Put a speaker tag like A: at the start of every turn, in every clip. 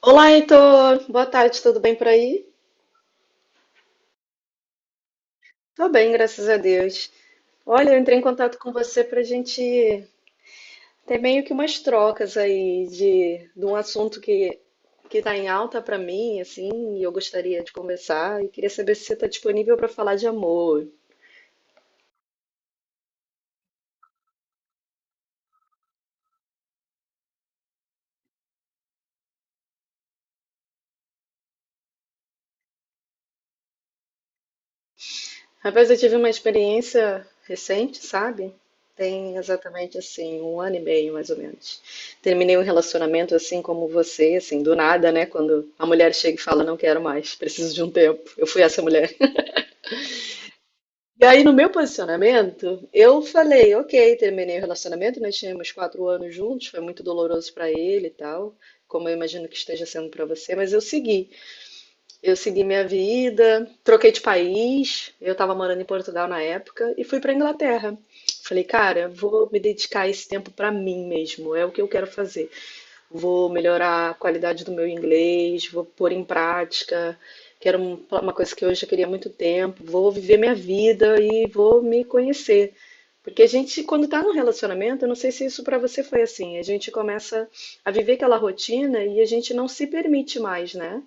A: Olá, Heitor. Boa tarde, tudo bem por aí? Tô bem, graças a Deus. Olha, eu entrei em contato com você para gente ter meio que umas trocas aí de um assunto que tá em alta para mim, assim, e eu gostaria de conversar. E queria saber se você tá disponível para falar de amor. Rapaz, eu tive uma experiência recente, sabe? Tem exatamente assim, um ano e meio, mais ou menos. Terminei um relacionamento assim como você, assim, do nada, né? Quando a mulher chega e fala, não quero mais, preciso de um tempo. Eu fui essa mulher. E aí, no meu posicionamento, eu falei, ok, terminei o relacionamento, nós tínhamos 4 anos juntos, foi muito doloroso pra ele e tal, como eu imagino que esteja sendo pra você, mas eu segui. Eu segui minha vida, troquei de país. Eu estava morando em Portugal na época e fui para Inglaterra. Falei, cara, vou me dedicar esse tempo para mim mesmo, é o que eu quero fazer. Vou melhorar a qualidade do meu inglês, vou pôr em prática, que era uma coisa que eu já queria há muito tempo. Vou viver minha vida e vou me conhecer. Porque a gente, quando está num relacionamento, eu não sei se isso para você foi assim, a gente começa a viver aquela rotina e a gente não se permite mais, né?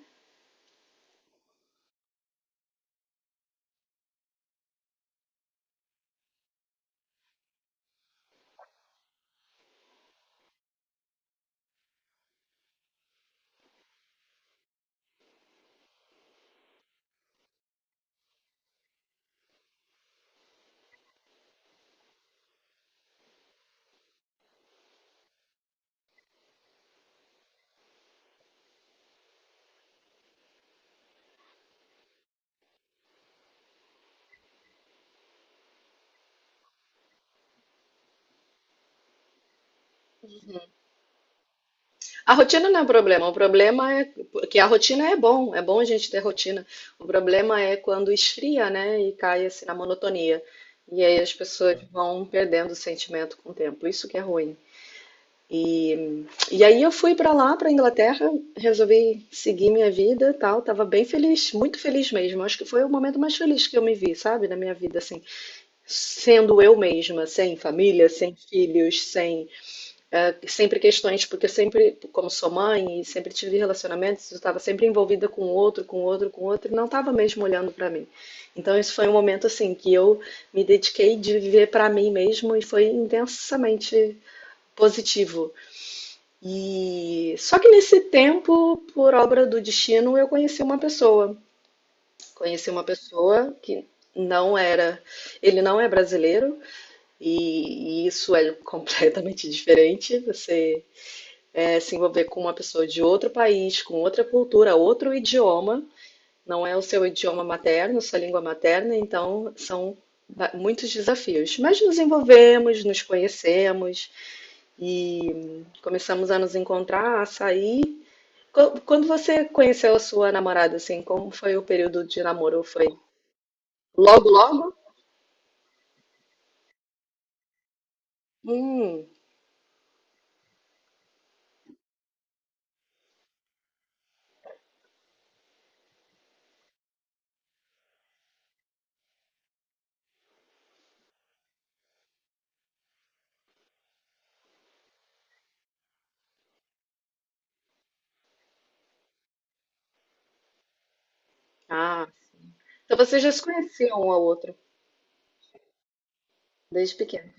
A: A rotina não é um problema, o problema é que a rotina é bom a gente ter rotina. O problema é quando esfria, né, e cai assim na monotonia. E aí as pessoas vão perdendo o sentimento com o tempo. Isso que é ruim. E, e aí eu fui para lá, para Inglaterra, resolvi seguir minha vida, e tal, tava bem feliz, muito feliz mesmo. Acho que foi o momento mais feliz que eu me vi, sabe, na minha vida assim, sendo eu mesma, sem família, sem filhos, sem é, sempre questões, porque eu sempre, como sou mãe e sempre tive relacionamentos, eu estava sempre envolvida com outro, com outro, com outro, e não estava mesmo olhando para mim. Então, isso foi um momento assim que eu me dediquei de viver para mim mesmo e foi intensamente positivo. E só que nesse tempo, por obra do destino, eu conheci uma pessoa. Conheci uma pessoa que não era, ele não é brasileiro e isso é completamente diferente. Você é, se envolver com uma pessoa de outro país, com outra cultura, outro idioma, não é o seu idioma materno, sua língua materna, então são muitos desafios. Mas nos envolvemos, nos conhecemos e começamos a nos encontrar, a sair. Quando você conheceu a sua namorada, assim, como foi o período de namoro? Foi logo, logo? Hum, ah. Então vocês já se conheciam um ao outro desde pequeno.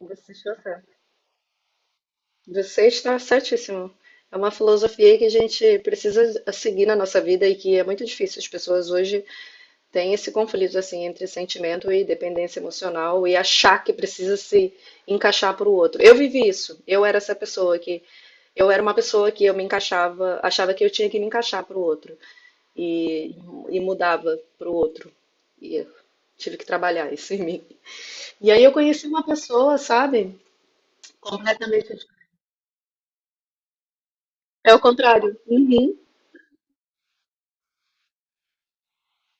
A: Vocês se Você está certíssimo. É uma filosofia que a gente precisa seguir na nossa vida e que é muito difícil. As pessoas hoje têm esse conflito assim entre sentimento e dependência emocional e achar que precisa se encaixar para o outro. Eu vivi isso. Eu era essa pessoa que eu era uma pessoa que eu me encaixava, achava que eu tinha que me encaixar para o outro e, e mudava para o outro. E eu tive que trabalhar isso em mim. E aí eu conheci uma pessoa, sabe? Também é o contrário. Uhum,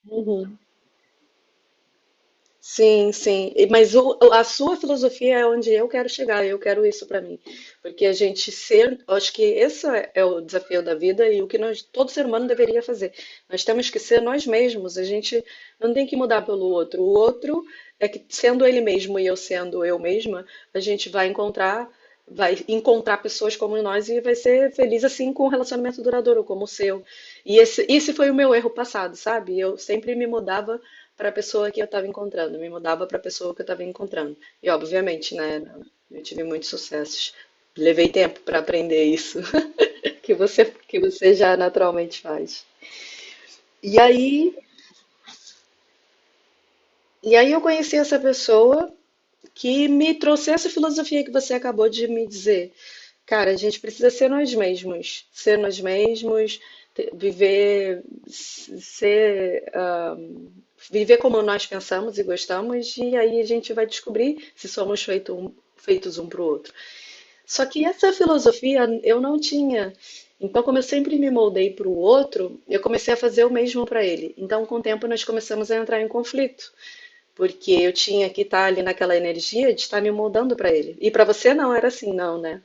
A: uhum. Sim, sim. E- Mas o- a sua filosofia é onde eu quero chegar, eu quero isso para mim. Porque a gente ser, eu acho que esse é o desafio da vida e o que nós, todo ser humano deveria fazer. Nós temos que ser nós mesmos, a gente não tem que mudar pelo outro. O outro é que sendo ele mesmo e eu sendo eu mesma, a gente vai encontrar pessoas como nós e vai ser feliz assim com um relacionamento duradouro como o seu. E esse foi o meu erro passado, sabe? Eu sempre me mudava para a pessoa que eu estava encontrando, me mudava para a pessoa que eu estava encontrando. E obviamente, né, eu tive muitos sucessos. Levei tempo para aprender isso que você já naturalmente faz. E aí, e aí eu conheci essa pessoa que me trouxe essa filosofia que você acabou de me dizer. Cara, a gente precisa ser nós mesmos, viver, ser, viver como nós pensamos e gostamos, e aí a gente vai descobrir se somos feito feitos um para o outro. Só que essa filosofia eu não tinha. Então, como eu sempre me moldei para o outro, eu comecei a fazer o mesmo para ele. Então, com o tempo, nós começamos a entrar em conflito, porque eu tinha que estar ali naquela energia de estar me moldando para ele. E para você não era assim, não, né?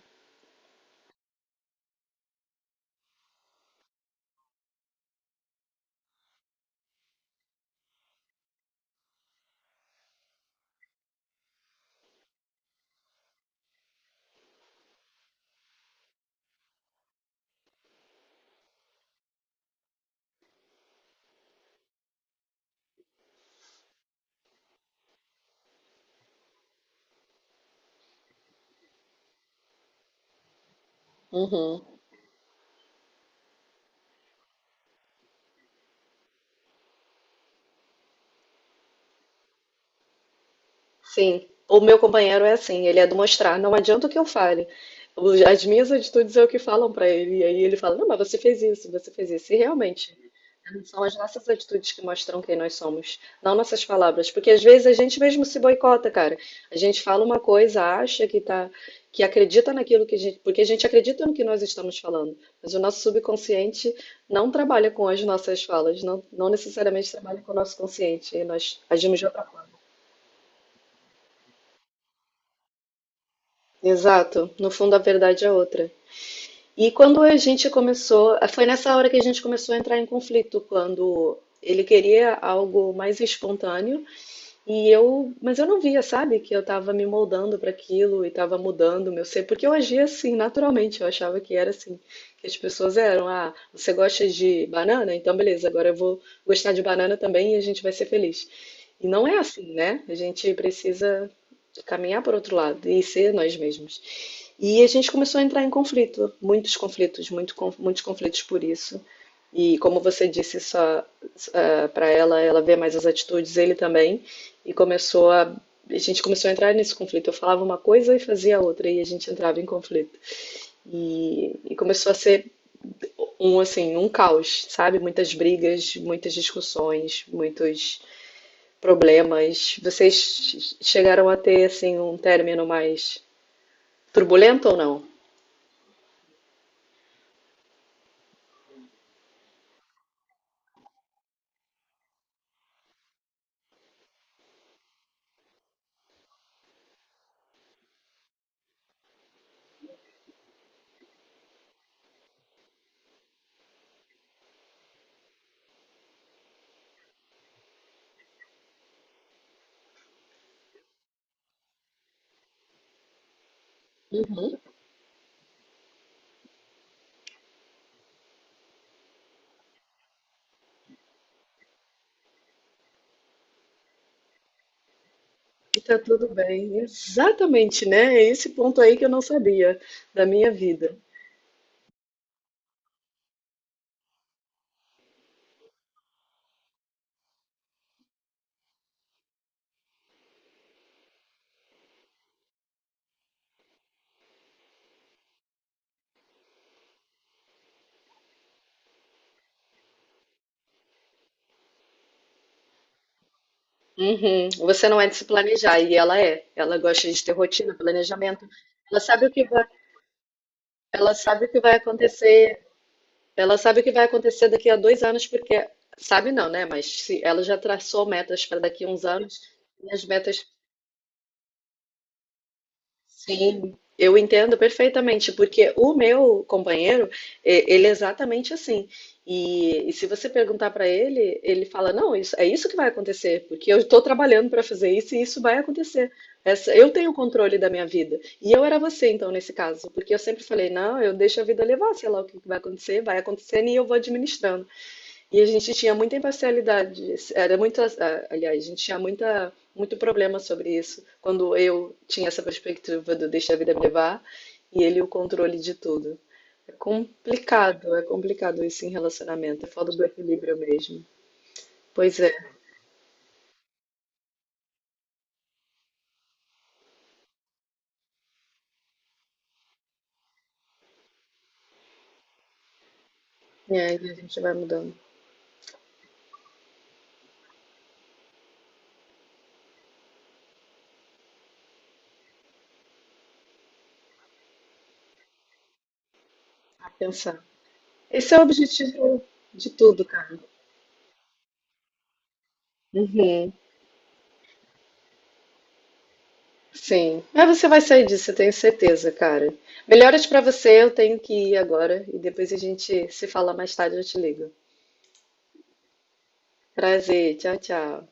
A: Uhum. Sim, o meu companheiro é assim, ele é do mostrar, não adianta o que eu fale. Os- As minhas atitudes é o que falam pra ele, e aí ele fala: Não, mas você fez isso, você fez isso. E realmente, são as nossas atitudes que mostram quem nós somos, não nossas palavras. Porque às vezes a gente mesmo se boicota, cara. A gente fala uma coisa, acha que tá, que acredita naquilo que a gente, porque a gente acredita no que nós estamos falando, mas o nosso subconsciente não trabalha com as nossas falas, não necessariamente trabalha com o nosso consciente, e nós agimos de outra forma. Exato, no fundo a verdade é outra. E quando a gente começou, foi nessa hora que a gente começou a entrar em conflito, quando ele queria algo mais espontâneo. E eu, mas eu não via, sabe, que eu tava me moldando para aquilo e tava mudando o meu ser, porque eu agia assim, naturalmente, eu achava que era assim, que as pessoas eram, ah, você gosta de banana? Então beleza, agora eu vou gostar de banana também e a gente vai ser feliz. E não é assim, né? A gente precisa caminhar por outro lado e ser nós mesmos. E a gente começou a entrar em conflito, muitos conflitos, muitos conflitos por isso. E como você disse, só para ela, ela vê mais as atitudes, ele também. E começou a gente começou a entrar nesse conflito. Eu falava uma coisa e fazia outra, e a gente entrava em conflito. E começou a ser um assim, um caos, sabe? Muitas brigas, muitas discussões, muitos problemas. Vocês chegaram a ter assim um término mais turbulento ou não? Uhum. E tá tudo bem. Exatamente, né? É esse ponto aí que eu não sabia da minha vida. Uhum. Você não é de se planejar, e ela é. Ela gosta de ter rotina, planejamento. Ela sabe o que vai, ela sabe o que vai acontecer, ela sabe o que vai acontecer daqui a 2 anos, porque sabe não, né? Mas se ela já traçou metas para daqui a uns anos, e as metas Sim. Eu entendo perfeitamente, porque o meu companheiro, é, ele é exatamente assim. E se você perguntar para ele, ele fala: Não, isso, é isso que vai acontecer, porque eu estou trabalhando para fazer isso e isso vai acontecer. Essa, eu tenho o controle da minha vida. E eu era você, então, nesse caso, porque eu sempre falei: Não, eu deixo a vida levar, sei lá o que que vai acontecer, vai acontecendo e eu vou administrando. E a gente tinha muita imparcialidade, era muito, ah, aliás, a gente tinha muita, muito problema sobre isso, quando eu tinha essa perspectiva do deixa a vida me levar e ele o controle de tudo. É complicado isso em relacionamento, é falta do equilíbrio mesmo. Pois é, e a gente vai mudando a pensar. Esse é o objetivo de tudo, cara. Uhum. Sim. Mas você vai sair disso, eu tenho certeza, cara. Melhoras pra você, eu tenho que ir agora e depois a gente se fala mais tarde, eu te ligo. Prazer, tchau, tchau.